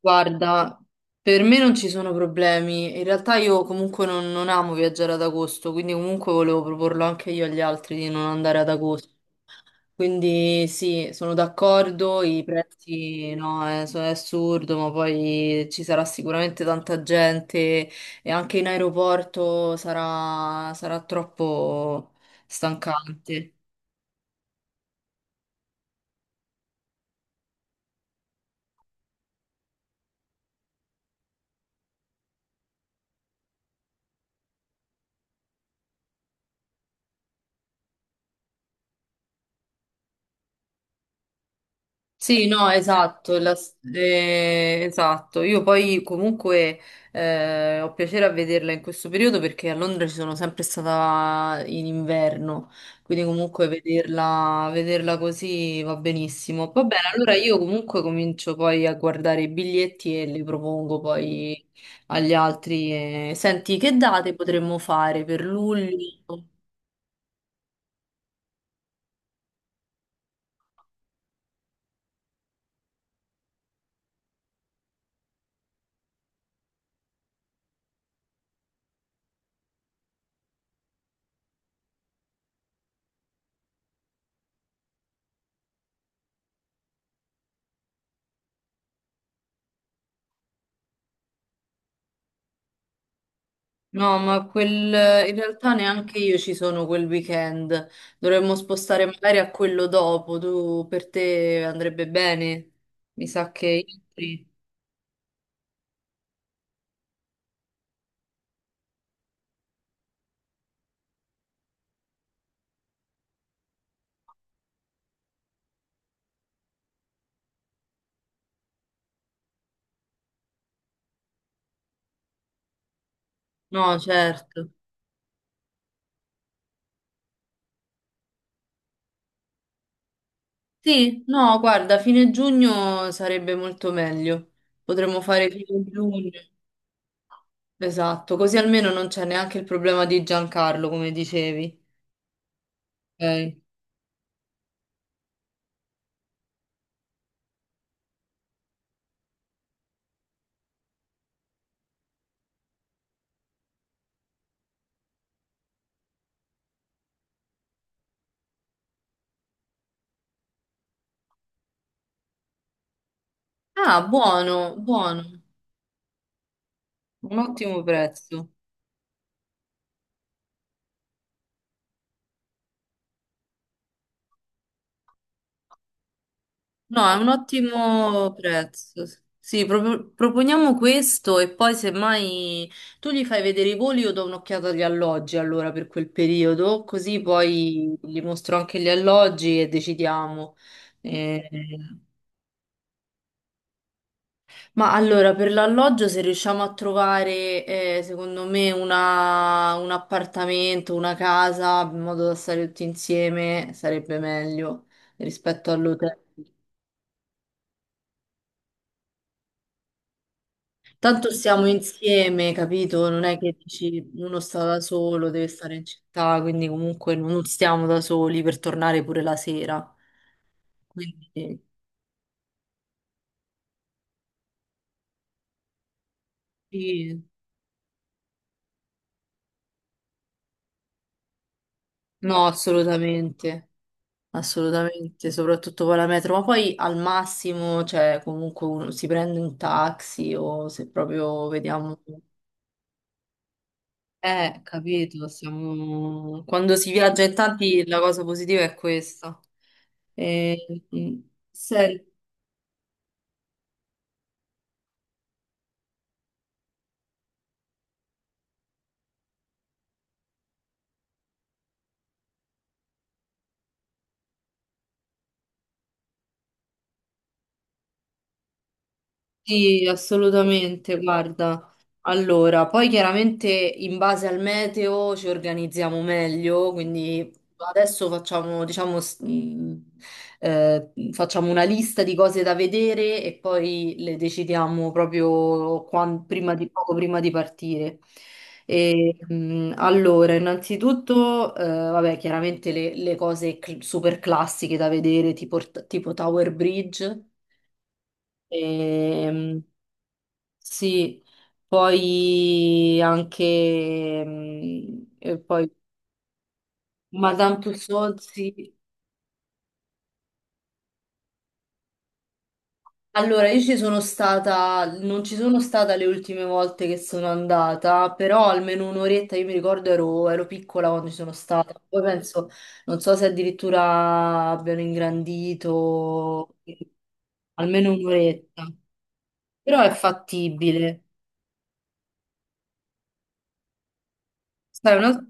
Guarda, per me non ci sono problemi. In realtà io comunque non amo viaggiare ad agosto, quindi comunque volevo proporlo anche io agli altri di non andare ad agosto. Quindi sì, sono d'accordo, i prezzi no, è assurdo, ma poi ci sarà sicuramente tanta gente e anche in aeroporto sarà troppo stancante. Sì, no, esatto, esatto. Io poi comunque ho piacere a vederla in questo periodo perché a Londra ci sono sempre stata in inverno, quindi comunque vederla così va benissimo. Va bene, allora io comunque comincio poi a guardare i biglietti e li propongo poi agli altri. Senti, che date potremmo fare per luglio? No, ma quel, in realtà neanche io ci sono quel weekend. Dovremmo spostare magari a quello dopo. Tu per te andrebbe bene? Mi sa che io sì. No, certo. Sì, no, guarda, fine giugno sarebbe molto meglio. Potremmo fare fine giugno. Esatto, così almeno non c'è neanche il problema di Giancarlo, come dicevi. Ok. Ah, buono, buono. Un ottimo prezzo. No, è un ottimo prezzo. Sì, proponiamo questo e poi semmai tu gli fai vedere i voli, io do un'occhiata agli alloggi allora per quel periodo, così poi gli mostro anche gli alloggi e decidiamo. Eh, Ma allora, per l'alloggio se riusciamo a trovare, secondo me, un appartamento, una casa, in modo da stare tutti insieme, sarebbe meglio rispetto all'hotel. Tanto stiamo insieme, capito? Non è che dici uno sta da solo, deve stare in città, quindi comunque non stiamo da soli per tornare pure la sera. Quindi sì, no, assolutamente, assolutamente, soprattutto con la metro, ma poi al massimo, cioè comunque uno si prende un taxi o se proprio vediamo... capito, siamo... quando si viaggia in tanti la cosa positiva è questa. E, mm, senti, Sì, assolutamente, guarda. Allora, poi chiaramente in base al meteo ci organizziamo meglio, quindi adesso facciamo, diciamo, facciamo una lista di cose da vedere e poi le decidiamo proprio prima di, poco prima di partire. E, allora, innanzitutto, vabbè, chiaramente le cose super classiche da vedere, tipo, tipo Tower Bridge. Ehm, sì, poi anche mm, e poi Madame Tussauds. Sì. Allora, io ci sono stata, non ci sono stata le ultime volte che sono andata, però almeno un'oretta, io mi ricordo ero piccola quando ci sono stata. Poi penso, non so se addirittura abbiano ingrandito almeno un'oretta, però è fattibile. Sai, un'altra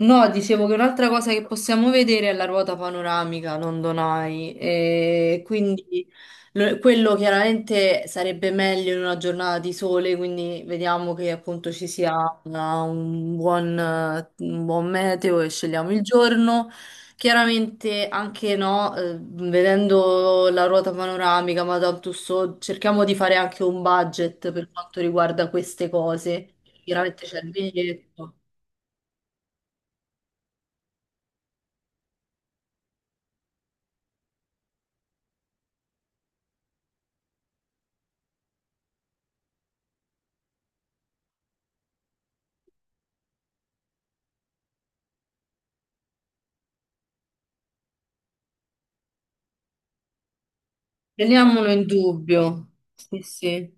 No, dicevo che un'altra cosa che possiamo vedere è la ruota panoramica London Eye, e quindi quello chiaramente sarebbe meglio in una giornata di sole, quindi vediamo che appunto ci sia un buon meteo e scegliamo il giorno. Chiaramente anche no, vedendo la ruota panoramica, Madame Tussauds, cerchiamo di fare anche un budget per quanto riguarda queste cose. Chiaramente c'è il biglietto. Teniamolo in dubbio. Sì, sì.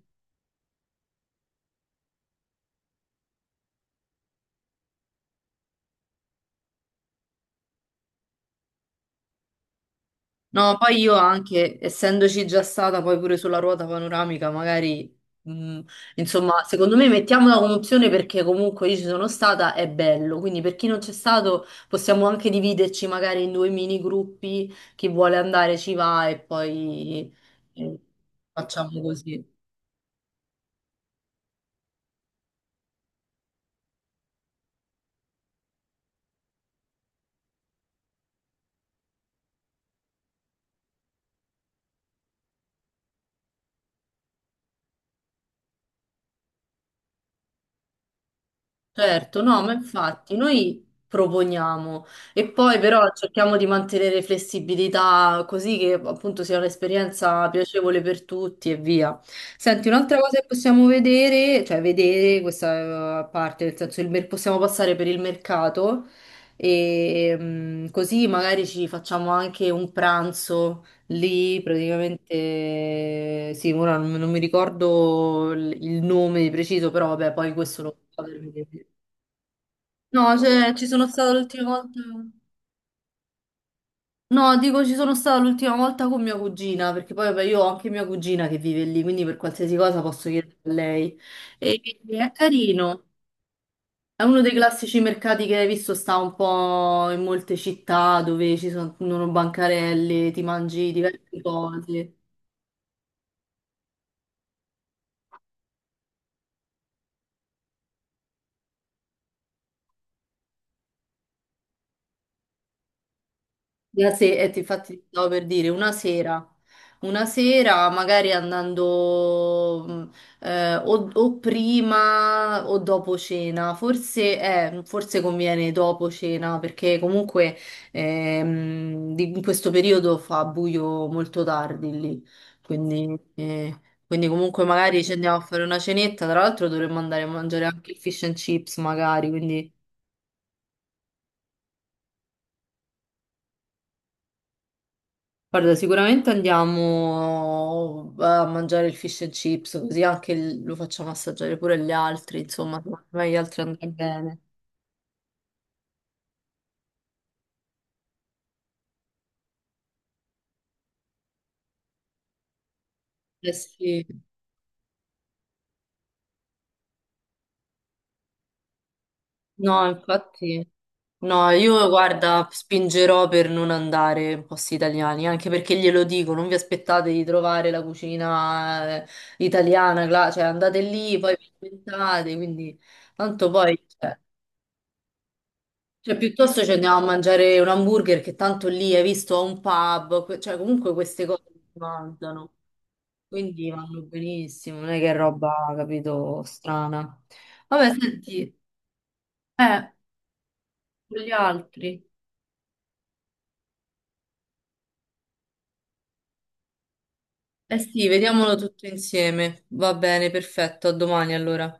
No, poi io anche, essendoci già stata poi pure sulla ruota panoramica, magari, mh, insomma, secondo me mettiamola come opzione perché comunque io ci sono stata, è bello. Quindi per chi non c'è stato possiamo anche dividerci magari in due mini gruppi, chi vuole andare ci va e poi eh, facciamo così. Certo, no, ma infatti noi proponiamo e poi però cerchiamo di mantenere flessibilità così che appunto sia un'esperienza piacevole per tutti e via. Senti, un'altra cosa che possiamo vedere, cioè vedere questa parte, nel senso possiamo passare per il mercato e mm, così magari ci facciamo anche un pranzo lì, praticamente sì, ora non mi ricordo il nome preciso, però vabbè, poi questo lo... No, cioè, ci sono stata l'ultima volta. No, dico ci sono stata l'ultima volta con mia cugina, perché poi vabbè, io ho anche mia cugina che vive lì, quindi per qualsiasi cosa posso chiedere a lei. E è carino. È uno dei classici mercati che hai visto, sta un po' in molte città dove ci sono bancarelle, ti mangi diverse cose. La se- ti- infatti ti stavo per dire una sera magari andando o prima o dopo cena, forse, forse conviene dopo cena perché comunque in questo periodo fa buio molto tardi lì, quindi, quindi comunque magari ci andiamo a fare una cenetta, tra l'altro dovremmo andare a mangiare anche il fish and chips magari, quindi... Guarda, sicuramente andiamo a mangiare il fish and chips, così anche lo facciamo assaggiare pure agli altri, insomma, secondo me gli altri andranno bene. Eh sì. No, infatti, no, io guarda, spingerò per non andare in posti italiani, anche perché glielo dico, non vi aspettate di trovare la cucina italiana, cioè andate lì, poi vi inventate, quindi tanto poi... cioè, Cioè, piuttosto ci andiamo a mangiare un hamburger che tanto lì hai visto a un pub, cioè comunque queste cose si mangiano, quindi vanno benissimo, non è che è roba, capito, strana. Vabbè, senti, eh, con gli altri. Eh sì, vediamolo tutto insieme. Va bene, perfetto, a domani allora.